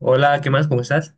Hola, ¿qué más? ¿Cómo estás?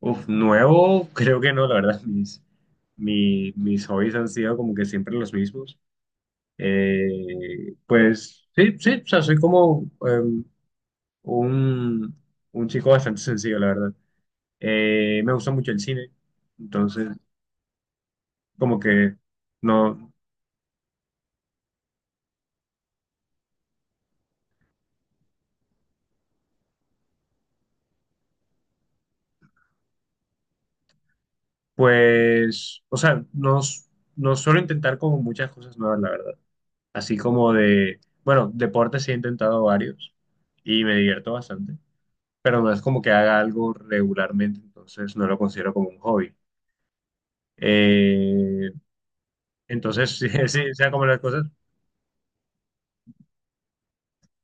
Uf, nuevo, creo que no, la verdad, mis hobbies han sido como que siempre los mismos. Pues sí, sí, o sea, soy como un, un chico bastante sencillo, la verdad. Me gusta mucho el cine, entonces como que no, pues, o sea, no suelo intentar como muchas cosas nuevas, la verdad. Así como de, bueno, deportes sí he intentado varios y me divierto bastante, pero no es como que haga algo regularmente, entonces no lo considero como un hobby. Eh, sí, sí, o sea, como las cosas,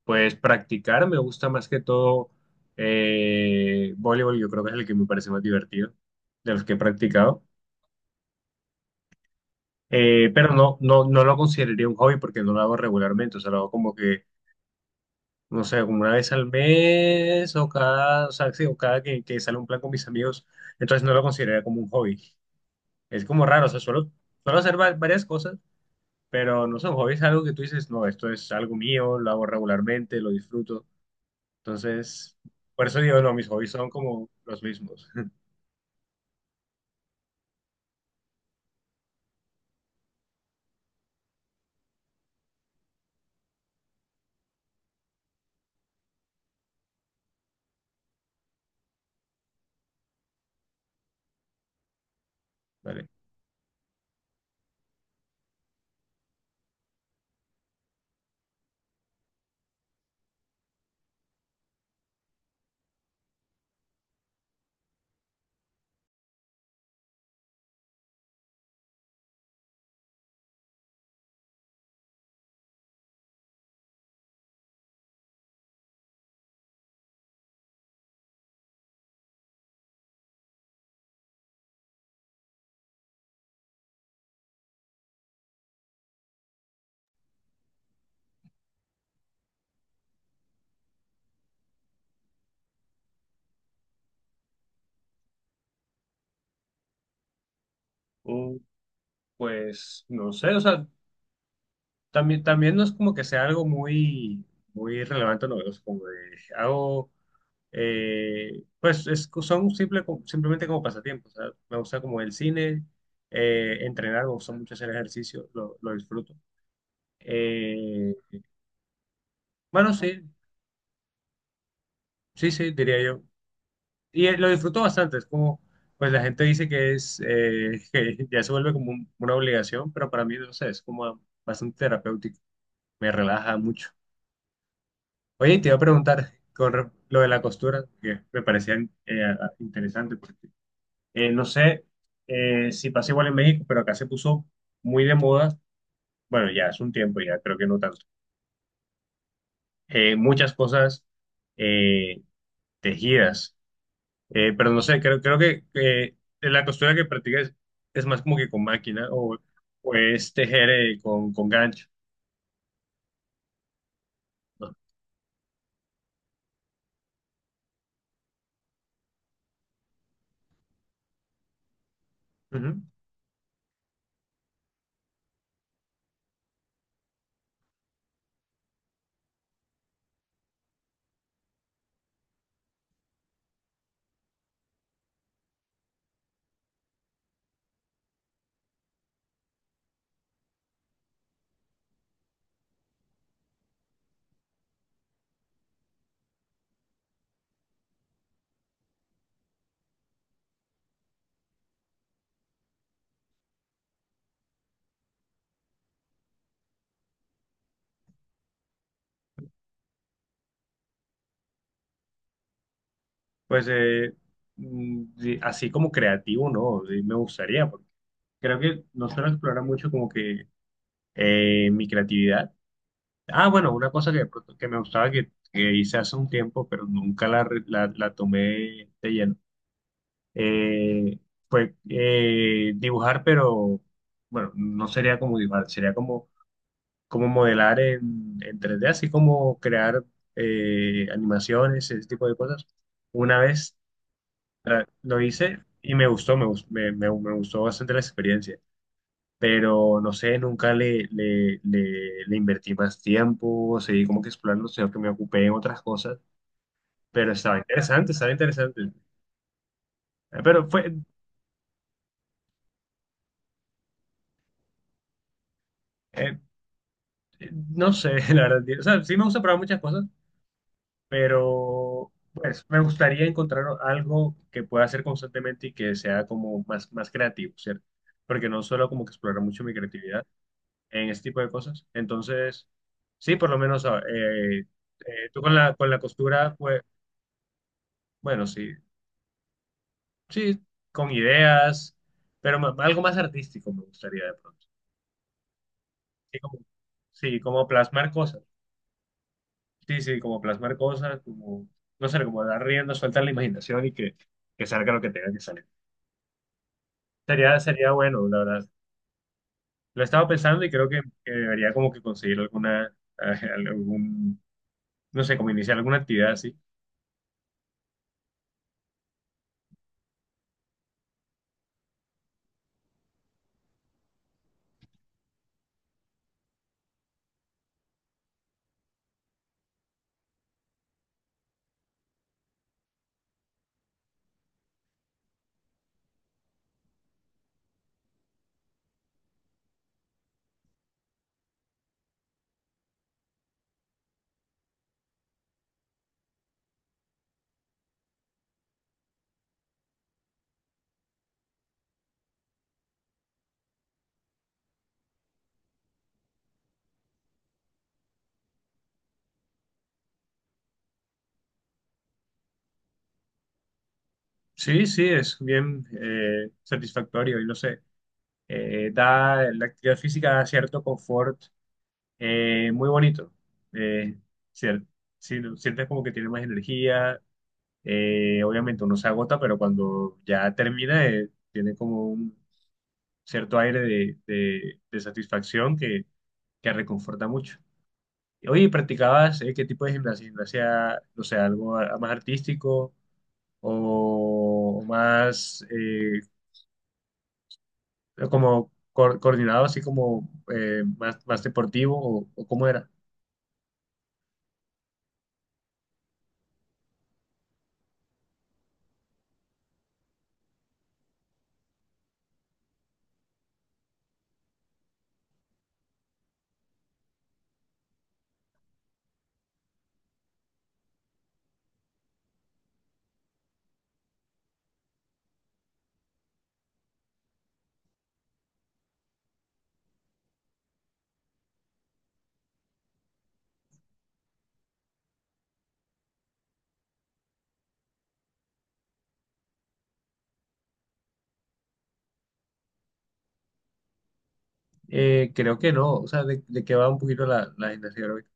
pues practicar me gusta más que todo, voleibol, yo creo que es el que me parece más divertido de los que he practicado. Pero no, no, no lo consideraría un hobby porque no lo hago regularmente, o sea, lo hago como que, no sé, como una vez al mes o cada, o sea, sí, o cada que sale un plan con mis amigos, entonces no lo consideraría como un hobby. Es como raro, o sea, suelo hacer varias cosas. Pero no sé, un hobby es algo que tú dices, no, esto es algo mío, lo hago regularmente, lo disfruto. Entonces, por eso digo, no, mis hobbies son como los mismos. Vale. Uh, pues no sé, o sea, también no es como que sea algo muy, muy relevante, no, es como de, hago, pues simplemente como pasatiempos, o sea, me gusta como el cine, entrenar, me gusta mucho hacer ejercicio, lo disfruto. Eh, bueno, sí, sí, sí, diría yo. Y lo disfruto bastante, es como, pues la gente dice que es, que ya se vuelve como una obligación, pero para mí, no sé, es como bastante terapéutico, me relaja mucho. Oye, y te iba a preguntar con lo de la costura, que me parecía interesante, porque no sé, si pasa igual en México, pero acá se puso muy de moda, bueno, ya es un tiempo, ya creo que no tanto, muchas cosas eh, tejidas. Pero no sé, creo que la costura que practicas es más como que con máquina, o es tejer con gancho, ¿no? Ujú. Pues sí, así como creativo, ¿no? Sí, me gustaría, porque creo que no suelo explorar mucho como que mi creatividad. Ah, bueno, una cosa que, que me gustaba, que hice hace un tiempo, pero nunca la tomé de lleno, eh, fue, dibujar, pero bueno, no sería como dibujar, sería como cómo modelar en 3D, así como crear animaciones, ese tipo de cosas. Una vez lo hice y me gustó, me gustó bastante la experiencia, pero no sé, nunca le invertí más tiempo, seguí como que explorando, sino que me ocupé en otras cosas, pero estaba interesante, estaba interesante. Eh, Pero fue, eh, no sé, la verdad, o sea, sí me gusta probar muchas cosas, pero pues me gustaría encontrar algo que pueda hacer constantemente y que sea como más, más creativo, ¿cierto? Porque no solo como que explorar mucho mi creatividad en este tipo de cosas. Entonces, sí, por lo menos tú con con la costura, pues, bueno, sí, sí, con ideas, pero algo más artístico me gustaría de pronto. Sí, como, sí, como plasmar cosas. Sí, sí, como plasmar cosas, como, no sé, como dar rienda suelta a la imaginación y que salga lo que tenga que salir. Sería, sería bueno, la verdad. Lo he estado pensando y creo que debería como que conseguir alguna, algún, no sé, como iniciar alguna actividad así. Sí, sí, es bien satisfactorio y no sé, da, la actividad física da cierto confort muy bonito. Eh, cier- sí, sientes como que tiene más energía, obviamente uno se agota, pero cuando ya termina tiene como un cierto aire de satisfacción que reconforta mucho. Oye, ¿practicabas qué tipo de gimnasia? ¿Gimnasia, no sé, más artístico, o más como coordinado, así como más, más deportivo, o cómo era? Creo que no, o sea, de qué va un poquito la gimnasia aeróbica.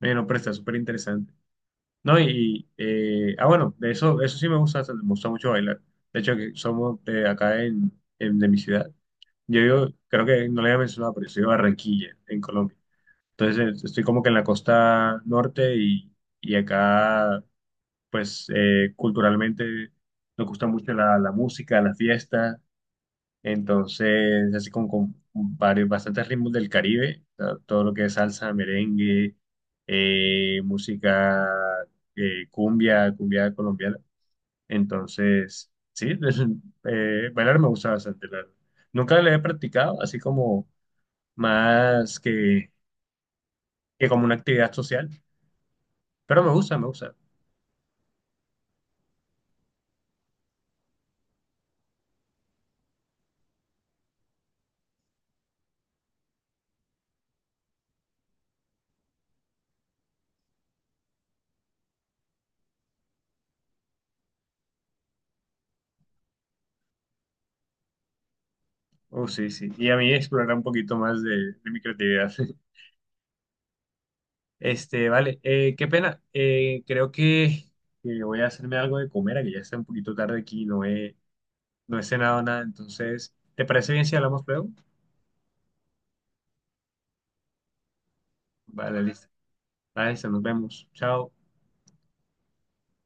Bueno, pero está súper interesante. No, y, bueno, de eso, eso sí me gusta mucho bailar. De hecho, que somos de acá de mi ciudad. Creo que no le había mencionado, pero yo soy de Barranquilla, en Colombia. Entonces estoy como que en la costa norte y acá, pues culturalmente nos gusta mucho la música, la fiesta, entonces así como con varios, bastantes ritmos del Caribe, o sea, todo lo que es salsa, merengue, música cumbia, cumbia colombiana. Entonces, sí, bailar me gusta bastante. Nunca lo he practicado, así como más que como una actividad social. Pero me gusta, me gusta. Oh, sí, sí. Y a mí explorar un poquito más de mi creatividad. Este, vale, qué pena. Creo que voy a hacerme algo de comer, que ya está un poquito tarde aquí, no he cenado nada. Entonces, ¿te parece bien si hablamos luego? Vale, listo. Vale, listo, nos vemos. Chao.